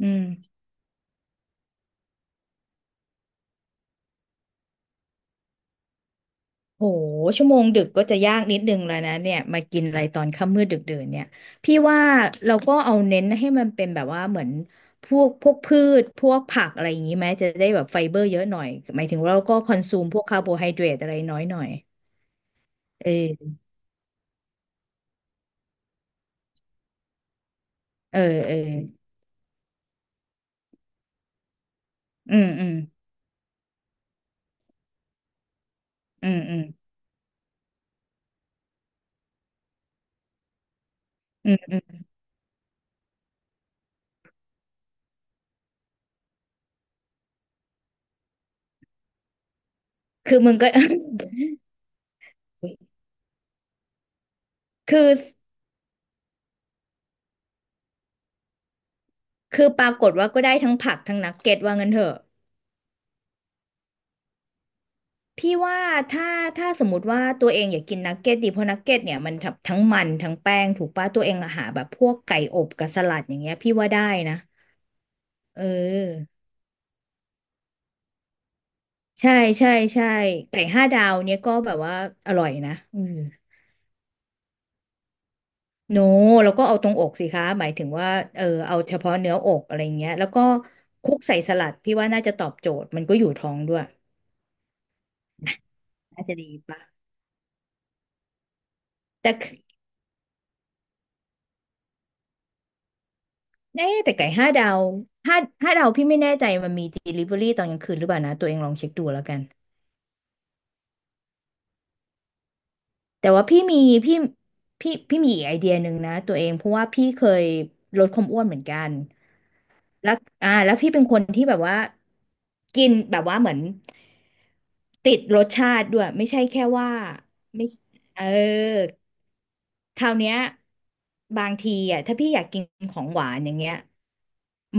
อืมโหชั่วโมงดึกก็จะยากนิดนึงแล้วนะเนี่ยมากินอะไรตอนค่ำมืดดึกดื่นเนี่ยพี่ว่าเราก็เอาเน้นให้มันเป็นแบบว่าเหมือนพวกพืชพวกผักอะไรอย่างนี้ไหมจะได้แบบไฟเบอร์เยอะหน่อยหมายถึงว่าเราก็คอนซูมพวกคาร์โบไฮเดรตอะไรน้อยหน่อยเออเออเอออืมอืมอืมอืมอืมอืมคือมึงก็ คือคือปรากฏว่าก็ได้ทั้งผักทั้งนักเก็ตว่างั้นเถอะ พี่ว่าถ้าถ้าสมมติว่าตัวเองอยากกินนักเก็ตดีเพราะนักเก็ตเนี่ยมันทั้งมันทั้งแป้งถูกป่ะตัวเองอะหาแบบพวกไก่อบกับสลัดอย่างเงี้ยพี่ว่าได้นะเออใช่ใช่ใช่ไก่ห้าดาวเนี่ยก็แบบว่าอร่อยนะอืมโนแล้วก็เอาตรงอกสิคะหมายถึงว่าเออเอาเฉพาะเนื้ออกอะไรเงี้ยแล้วก็คลุกใส่สลัดพี่ว่าน่าจะตอบโจทย์มันก็อยู่ท้องด้วยน่าจะดีป่ะแต่ เอ๊ะแต่ไก่ห้าดาวห้าห้าดาวพี่ไม่แน่ใจมันมี delivery ตอนกลางคืนหรือเปล่านะตัวเองลองเช็คดูแล้วกันแต่ว่าพี่พี่มีอีกไอเดียหนึ่งนะตัวเองเพราะว่าพี่เคยลดความอ้วนเหมือนกันแล้วแล้วพี่เป็นคนที่แบบว่ากินแบบว่าเหมือนติดรสชาติด้วยไม่ใช่แค่ว่าไม่เออ คราวเนี้ยบางทีอ่ะถ้าพี่อยากกินของหวานอย่างเงี้ย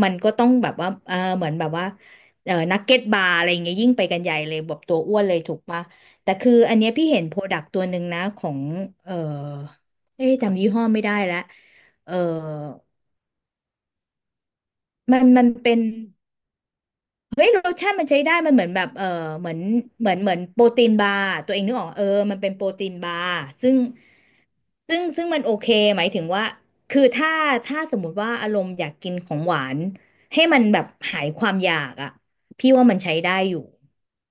มันก็ต้องแบบว่าเออเหมือนแบบว่าเออนักเก็ตบาร์อะไรอย่างเงี้ยยิ่งไปกันใหญ่เลยแบบตัวอ้วนเลยถูกปะแต่คืออันเนี้ยพี่เห็นโปรดักต์ตัวหนึ่งนะของเออเอ๊ะจำยี่ห้อไม่ได้แล้วเออมันเป็น เฮ้ยรสชาติมันใช้ได้มันเหมือนแบบเหมือนเหมือนโปรตีนบาร์ตัวเองนึกออกเออมันเป็นโปรตีนบาร์ซึ่งซึ่งมันโอเคหมายถึงว่าคือถ้าสมมุติว่าอารมณ์อยากกินของหวานให้มันแบบหายความอยากอ่ะพี่ว่ามันใช้ได้อยู่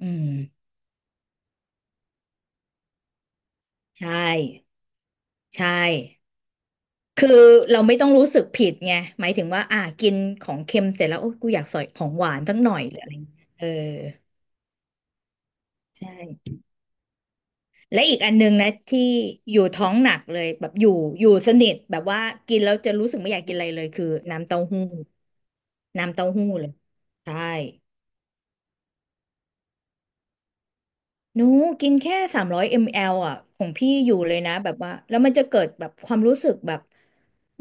อืมใช่ใช่คือเราไม่ต้องรู้สึกผิดไงหมายถึงว่าอ่ะกินของเค็มเสร็จแล้วโอ้กูอยากใส่ของหวานสักหน่อยหรืออะไรอย่างเงี้ยเออใช่ และอีกอันนึงนะที่อยู่ท้องหนักเลยแบบอยู่อยู่สนิทแบบว่ากินแล้วจะรู้สึกไม่อยากกินอะไรเลยคือน้ำเต้าหู้น้ำเต้าหู้เลยใช่หนูกินแค่300มลลิลิตรอ่ะของพี่อยู่เลยนะแบบว่าแล้วมันจะเกิดแบบความรู้สึกแบบ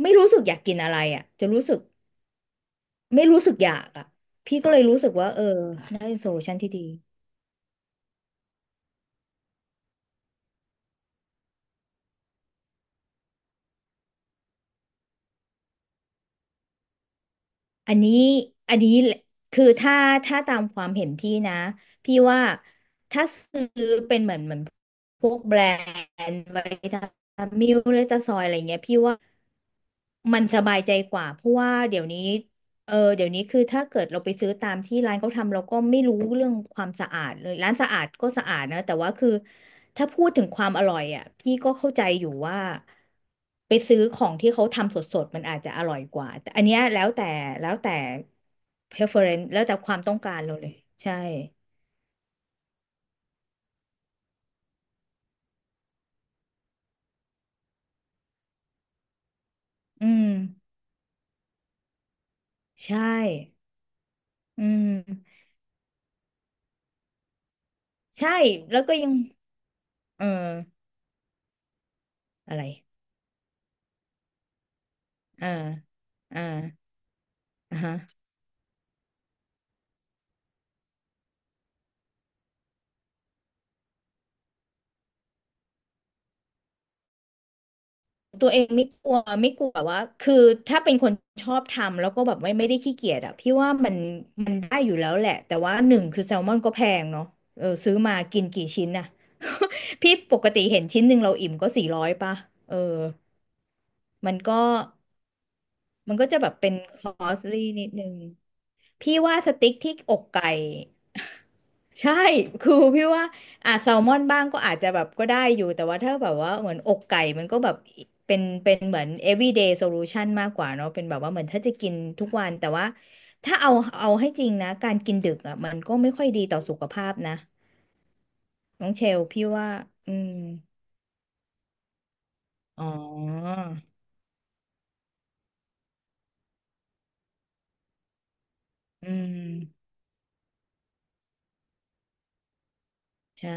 ไม่รู้สึกอยากกินอะไรอ่ะจะรู้สึกไม่รู้สึกอยากอ่ะพี่ก็เลยรู้สึกว่าเออน่าเป็นโซลูชันที่ดี อันนี้อันนี้คือถ้าตามความเห็นพี่นะพี่ว่าถ้าซื้อเป็นเหมือนพวกแบรนด์ไวตามิลเลตาซอยอะไรเงี้ยพี่ว่ามันสบายใจกว่าเพราะว่าเดี๋ยวนี้ เออเดี๋ยวนี้คือถ้าเกิดเราไปซื้อตามที่ร้านเขาทำเราก็ไม่รู้เรื่องความสะอาดเลยร้านสะอาดก็สะอาดนะแต่ว่าคือถ้าพูดถึงความอร่อยอ่ะพี่ก็เข้าใจอยู่ว่าไปซื้อของที่เขาทำสดๆมันอาจจะอร่อยกว่าแต่อันเนี้ยแล้วแต่ preference แล้วแต่ความต้องการเราเลยใช่อืมใช่อืมใช่แล้วก็ยังเอออะไรเออเอออ่าฮะ ตัวเองไม่กลัวไม่กลัวแบบว่าคือถ้าเป็นคนชอบทำแล้วก็แบบไม่ไม่ได้ขี้เกียจอ่ะพี่ว่ามันได้อยู่แล้วแหละแต่ว่าหนึ่งคือแซลมอนก็แพงเนาะเออซื้อมากินกี่ชิ้นน่ะ พี่ปกติเห็นชิ้นหนึ่งเราอิ่มก็400ป่ะเออมันก็มันก็จะแบบเป็นคอสลี่นิดนึงพี่ว่าสติ๊กที่อกไก่ ใช่ คือพี่ว่าอ่ะแซลมอนบ้างก็อาจจะแบบก็ได้อยู่ แต่ว่าถ้าแบบว่าเหมือนอกไก่ มันก็แบบเป็นเหมือน everyday solution มากกว่าเนาะเป็นแบบว่าเหมือนถ้าจะกินทุกวัน แต่ว่าถ้าเอาให้จริงนะ การกินดึกอ่ะมันก็ไม่ค่อยดีต่อสุขภาพนะ น้องเชลพี่ว่าอืมอ๋ออืมใช่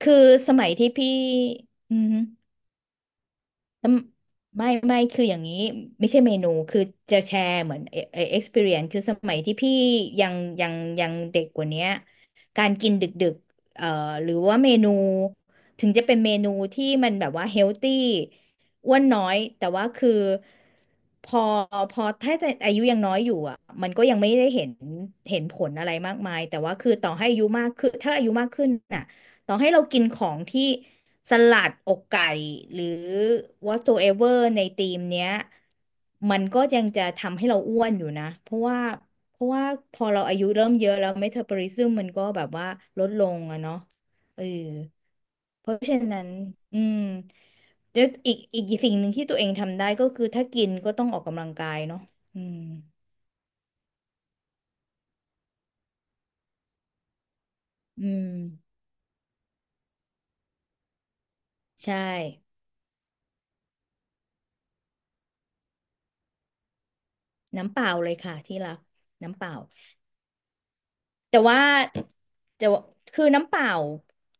คือสมัยที่พี่อืม อืมไม่ไม่คืออย่างนี้ไม่ใช่เมนูคือจะแชร์เหมือนexperience คือสมัยที่พี่ยังยังยังเด็กกว่าเนี้ยการกินดึกดึกเอ่อหรือว่าเมนูถึงจะเป็นเมนูที่มันแบบว่าเฮลตี้อ้วนน้อยแต่ว่าคือพอพอถ้าจะอายุยังน้อยอยู่อ่ะมันก็ยังไม่ได้เห็นผลอะไรมากมายแต่ว่าคือต่อให้อายุมากขึ้นถ้าอายุมากขึ้นอ่ะ ต่อให้เรากินของที่สลัดอกไก่หรือ whatsoever ในธีมเนี้ยมันก็ยังจะทำให้เราอ้วนอยู่นะเพราะว่าพอเราอายุเริ่มเยอะแล้วเมตาบอลิซึมมันก็แบบว่าลดลงอะเนาะเออเพราะฉะนั้นอืมแล้วอีกสิ่งหนึ่งที่ตัวเองทำได้ก็คือถ้ากินก็ต้องออกกำลังกายเนาะอืมอืมใช่น้ำเปล่าเลยค่ะที่รักน้ำเปล่า แต่ว่าแต่ว่าคือน้ำเปล่า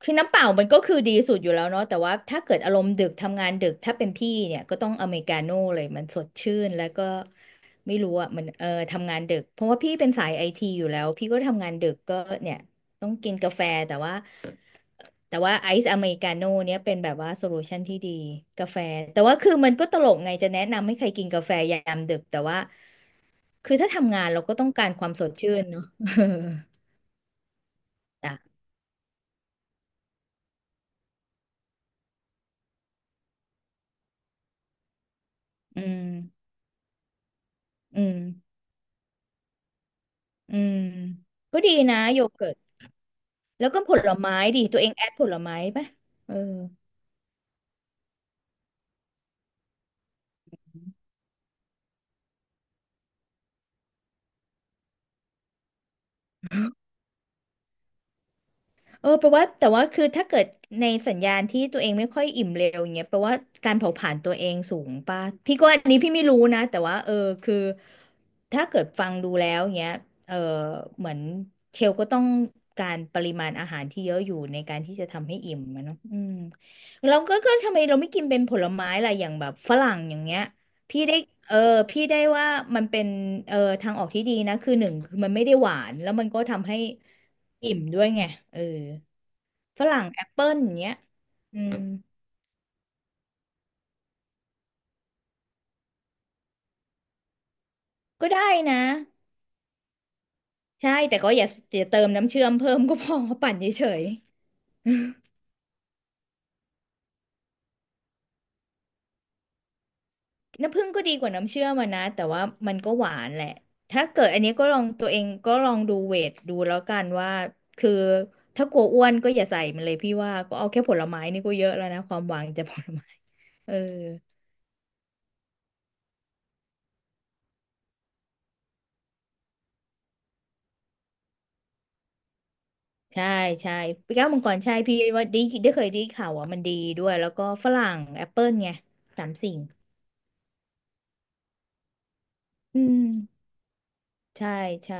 คือน้ำเปล่ามันก็คือดีสุดอยู่แล้วเนาะแต่ว่าถ้าเกิดอารมณ์ดึกทำงานดึกถ้าเป็นพี่เนี่ยก็ต้องอเมริกาโน่เลยมันสดชื่นแล้วก็ไม่รู้อ่ะมันทำงานดึกเพราะว่าพี่เป็นสายไอทีอยู่แล้วพี่ก็ทำงานดึกก็เนี่ยต้องกินกาแฟแต่ว่าไอซ์อเมริกาโน่เนี่ยเป็นแบบว่าโซลูชันที่ดีกาแฟแต่ว่าคือมันก็ตลกไงจะแนะนำให้ใครกินกาแฟยามดึกแต่ว่าคือถ้าทำงานเราก็ต้องการความสดชื่นเนาะ จ้ะอืม อืมอืมก็ดีนะโยเกิร์ตแล้วก็ผลไม้ดิตัวเองแอดผลไม้ปะเออเออแปลว่าแต่ว่าคือถ้าเกิดในสัญญาณที่ตัวเองไม่ค่อยอิ่มเร็วอย่างเงี้ยแปลว่าการเผาผลาญตัวเองสูงป่ะพี่ก็อันนี้พี่ไม่รู้นะแต่ว่าเออคือถ้าเกิดฟังดูแล้วเงี้ยเออเหมือนเชลก็ต้องการปริมาณอาหารที่เยอะอยู่ในการที่จะทำให้อิ่มอะเนาะอืมเราก็ก็ทำไมเราไม่กินเป็นผลไม้ล่ะอย่างแบบฝรั่งอย่างเงี้ย พี่ได้เออพี่ได้ว่ามันเป็นเออทางออกที่ดีนะคือหนึ่งคือมันไม่ได้หวานแล้วมันก็ทำให้อิ่มด้วยไงเออฝรั่งแอปเปิลอย่างเงี้ยอืมก็ได้นะใช่แต่ก็อย่าเติมน้ำเชื่อมเพิ่มก็พอ ปั่นเฉยๆ น้ำผึ้งก็ดีกว่าน้ำเชื่อมอะนะแต่ว่ามันก็หวานแหละถ้าเกิดอันนี้ก็ลองตัวเองก็ลองดูเวทดูแล้วกันว่าคือถ้ากลัวอ้วนก็อย่าใส่มันเลยพี่ว่าก็เอาแค่ผลไม้นี่ก็เยอะแล้วนะความหวังจากผลไม้เออ ใช่ใช่ปีเก้ามังกรใช่พี่ว่าดีได้เคยได้ข่าวว่ามันดีด้วยแล้วก็ฝรั่งแอปเปิลไงสามสิ่งอืมใช่ใช่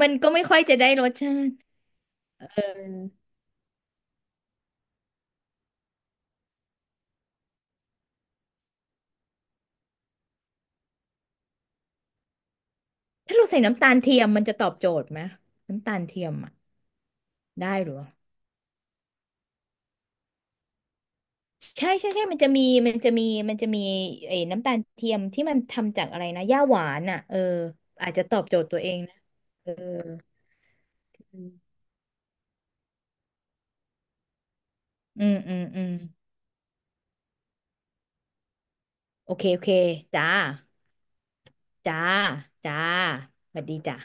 มันก็ไม่ค่อยจะได้รสชาติเออถ้าเราใส่น้ำตาลเทียมมันจะตอบโจทย์ไหมน้ำตาลเทียมอ่ะได้เหรือใช่ใช่ใช่มันจะมีมันจะมีไอ้น้ำตาลเทียมที่มันทำจากอะไรนะหญ้าหวานอ่ะเอออาจจะตอบโจทย์ตัวเองนะอืมอืมอืมโอเคโอเคจ้าจ้าจ้าสวัสดีจ้ะ